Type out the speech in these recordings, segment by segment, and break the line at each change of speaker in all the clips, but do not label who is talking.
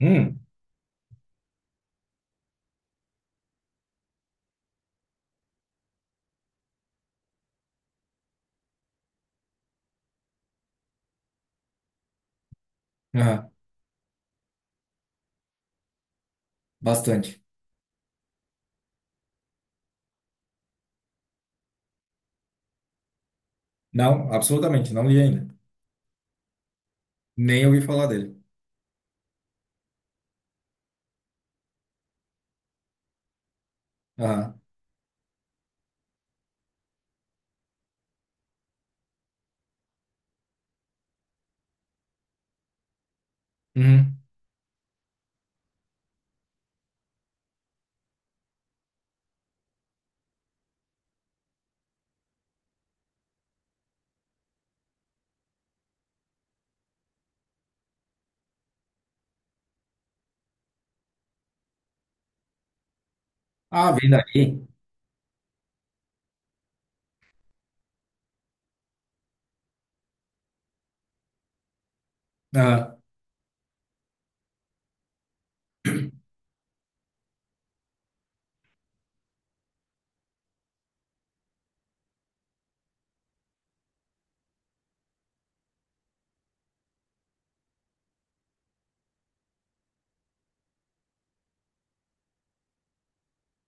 Hum. Aham. Bastante. Não, absolutamente, não li ainda. Nem ouvi falar dele. Aham. Uhum. Ah, vem daí. Aham,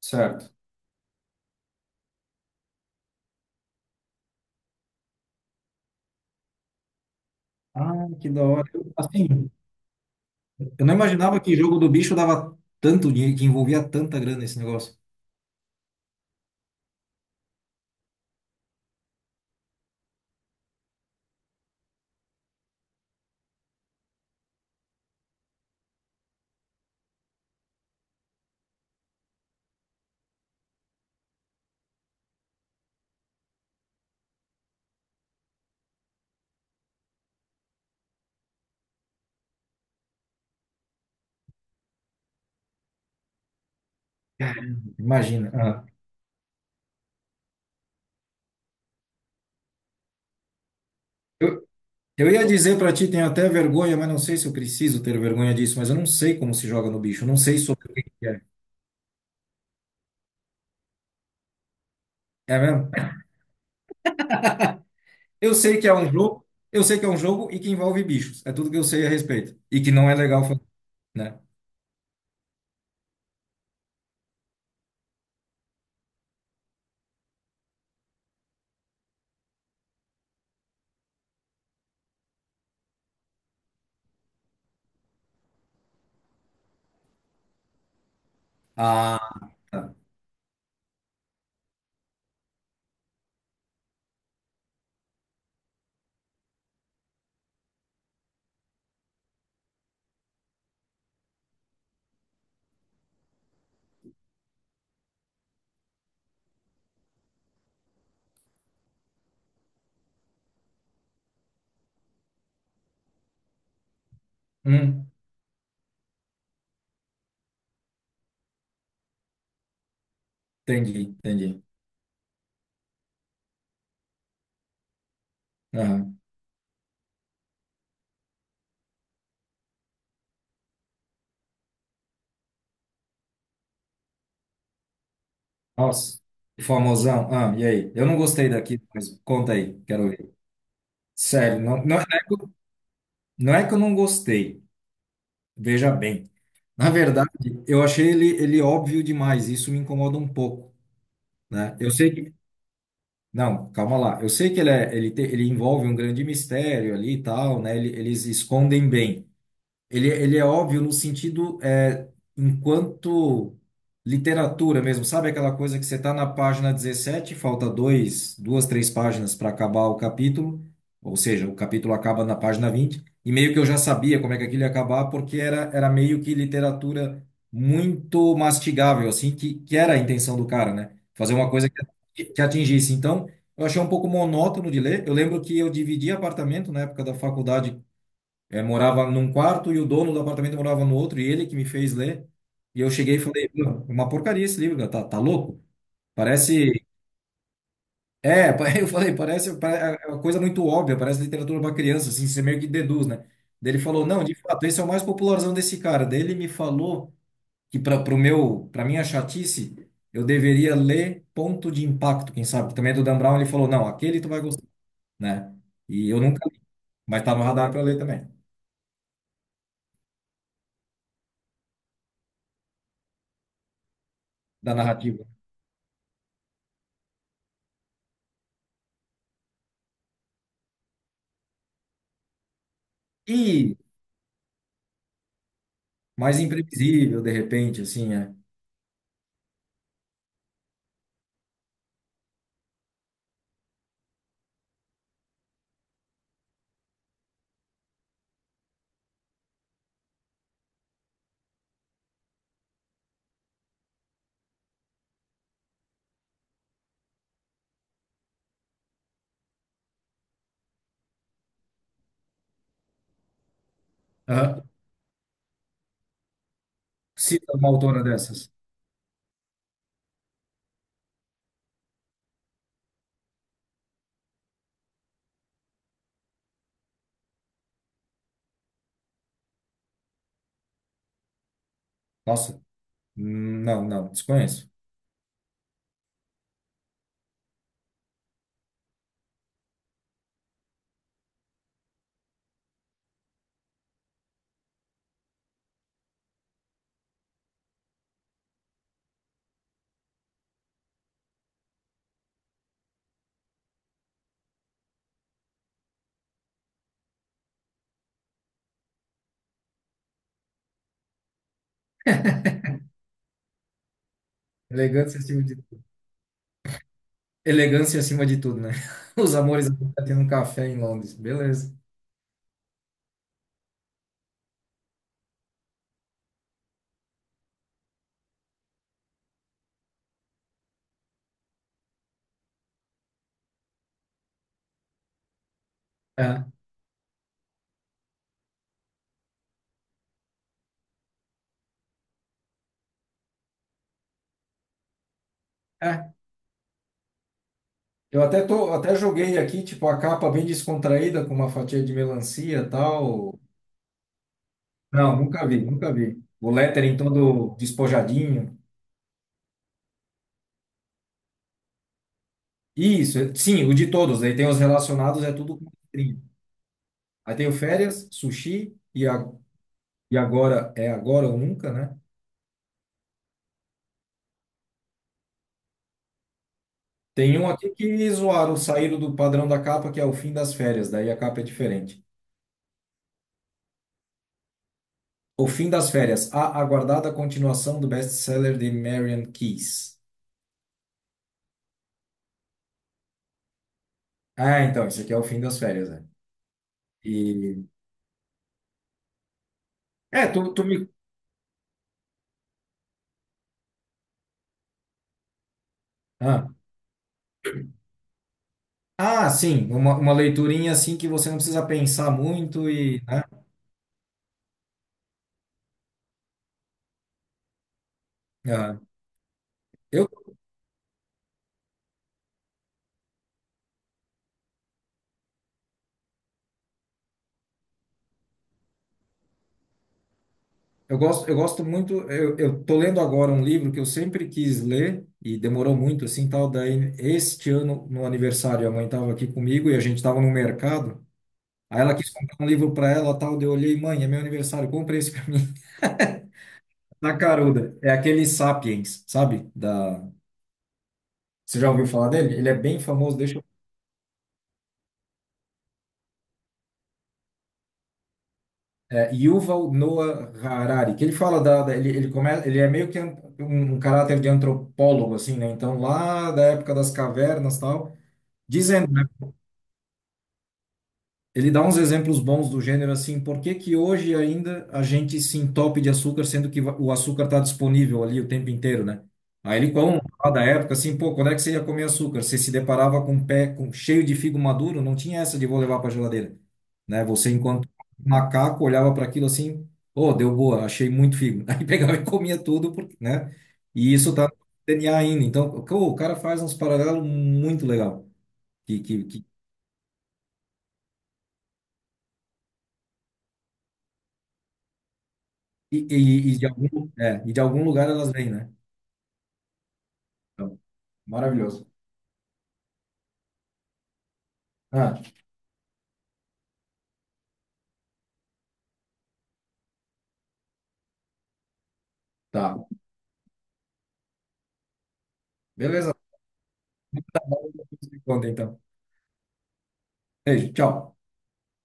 certo. Ah, que da hora. Eu, assim, eu não imaginava que jogo do bicho dava tanto dinheiro, que envolvia tanta grana esse negócio. Imagina. Aham. Eu, eu ia dizer pra ti, tenho até vergonha, mas não sei se eu preciso ter vergonha disso, mas eu não sei como se joga no bicho, eu não sei sobre o que que é. É mesmo? Eu sei que é um jogo, eu sei que é um jogo e que envolve bichos. É tudo que eu sei a respeito. E que não é legal fazer. Né? Ah, tá. Hum, Entendi, entendi. Aham. Nossa, famosão. Ah, e aí? Eu não gostei daqui, mas conta aí, quero ver. Sério, não, não, não é que eu não gostei, veja bem. Na verdade, eu achei ele óbvio demais, isso me incomoda um pouco, né? Eu sei que... Não, calma lá. Eu sei que ele, é, ele, te- ele envolve um grande mistério ali e tal, né? Eles escondem bem. Ele é óbvio no sentido, enquanto literatura mesmo, sabe aquela coisa que você está na página 17, falta dois, duas, três páginas para acabar o capítulo, ou seja, o capítulo acaba na página 20. E meio que eu já sabia como é que aquilo ia acabar, porque era meio que literatura muito mastigável, assim, que era a intenção do cara, né? Fazer uma coisa que atingisse. Então, eu achei um pouco monótono de ler. Eu lembro que eu dividi apartamento na época da faculdade. Morava num quarto e o dono do apartamento morava no outro, e ele que me fez ler. E eu cheguei e falei, "Meu, uma porcaria esse livro, cara, tá louco?" Parece. É, eu falei, parece, é uma coisa muito óbvia, parece literatura para criança, assim, você meio que deduz, né? Daí ele falou, não, de fato, esse é o mais popularzão desse cara. Daí ele me falou que para minha chatice, eu deveria ler Ponto de Impacto, quem sabe, que também é do Dan Brown, ele falou, não, aquele tu vai gostar, né? E eu nunca li, mas tá no radar para ler também, da narrativa. E mais imprevisível, de repente, assim, é. Aham. Cita uma autora dessas. Nossa, não, não, desconheço. Elegância acima de tudo. Elegância acima de tudo, né? Os amores acontecem um café em Londres. Beleza. Aham. É, eu até tô, até joguei aqui, tipo, a capa bem descontraída, com uma fatia de melancia e tal. Não, nunca vi, nunca vi. O lettering todo despojadinho. Isso, sim, o de todos. Aí tem os relacionados, é tudo com letrinha. Aí tem o férias, sushi, e agora é agora ou nunca, né? Tem um aqui que zoaram, saíram do padrão da capa, que é o fim das férias, daí a capa é diferente. O fim das férias, a aguardada continuação do best-seller de Marian Keyes. Ah, então, isso aqui é o fim das férias, né? E... É, tu me... Ah, Ah, sim, uma leiturinha assim que você não precisa pensar muito e... né? Ah. Eu Eu gosto, eu gosto muito. Eu tô lendo agora um livro que eu sempre quis ler e demorou muito, assim, tal. Daí, este ano, no aniversário, a mãe estava aqui comigo e a gente estava no mercado. Aí ela quis comprar um livro para ela, tal. Daí eu olhei, mãe, é meu aniversário, compra esse para mim. Na caruda. É aquele Sapiens, sabe? Da... Você já ouviu falar dele? Ele é bem famoso, deixa eu... É, Yuval Noah Harari, que ele fala ele começa, ele é meio que um caráter de antropólogo assim, né? Então lá da época das cavernas, tal, dizendo. Ele dá uns exemplos bons do gênero assim, por que que hoje ainda a gente se entope de açúcar, sendo que o açúcar está disponível ali o tempo inteiro, né? Aí ele, sim, conta lá da época assim, pô, quando é que você ia comer açúcar? Você se deparava com um pé cheio de figo maduro, não tinha essa de vou levar para geladeira, né? Você, enquanto macaco, olhava para aquilo assim, ô, deu boa, achei muito figo. Aí pegava e comia tudo, porque, né? E isso tá no DNA ainda. Então, o cara faz uns paralelos muito legal. Que E, e de algum lugar elas vêm, né? Então, maravilhoso. Ah, tá. Beleza. Se conta, então. Beijo, tchau.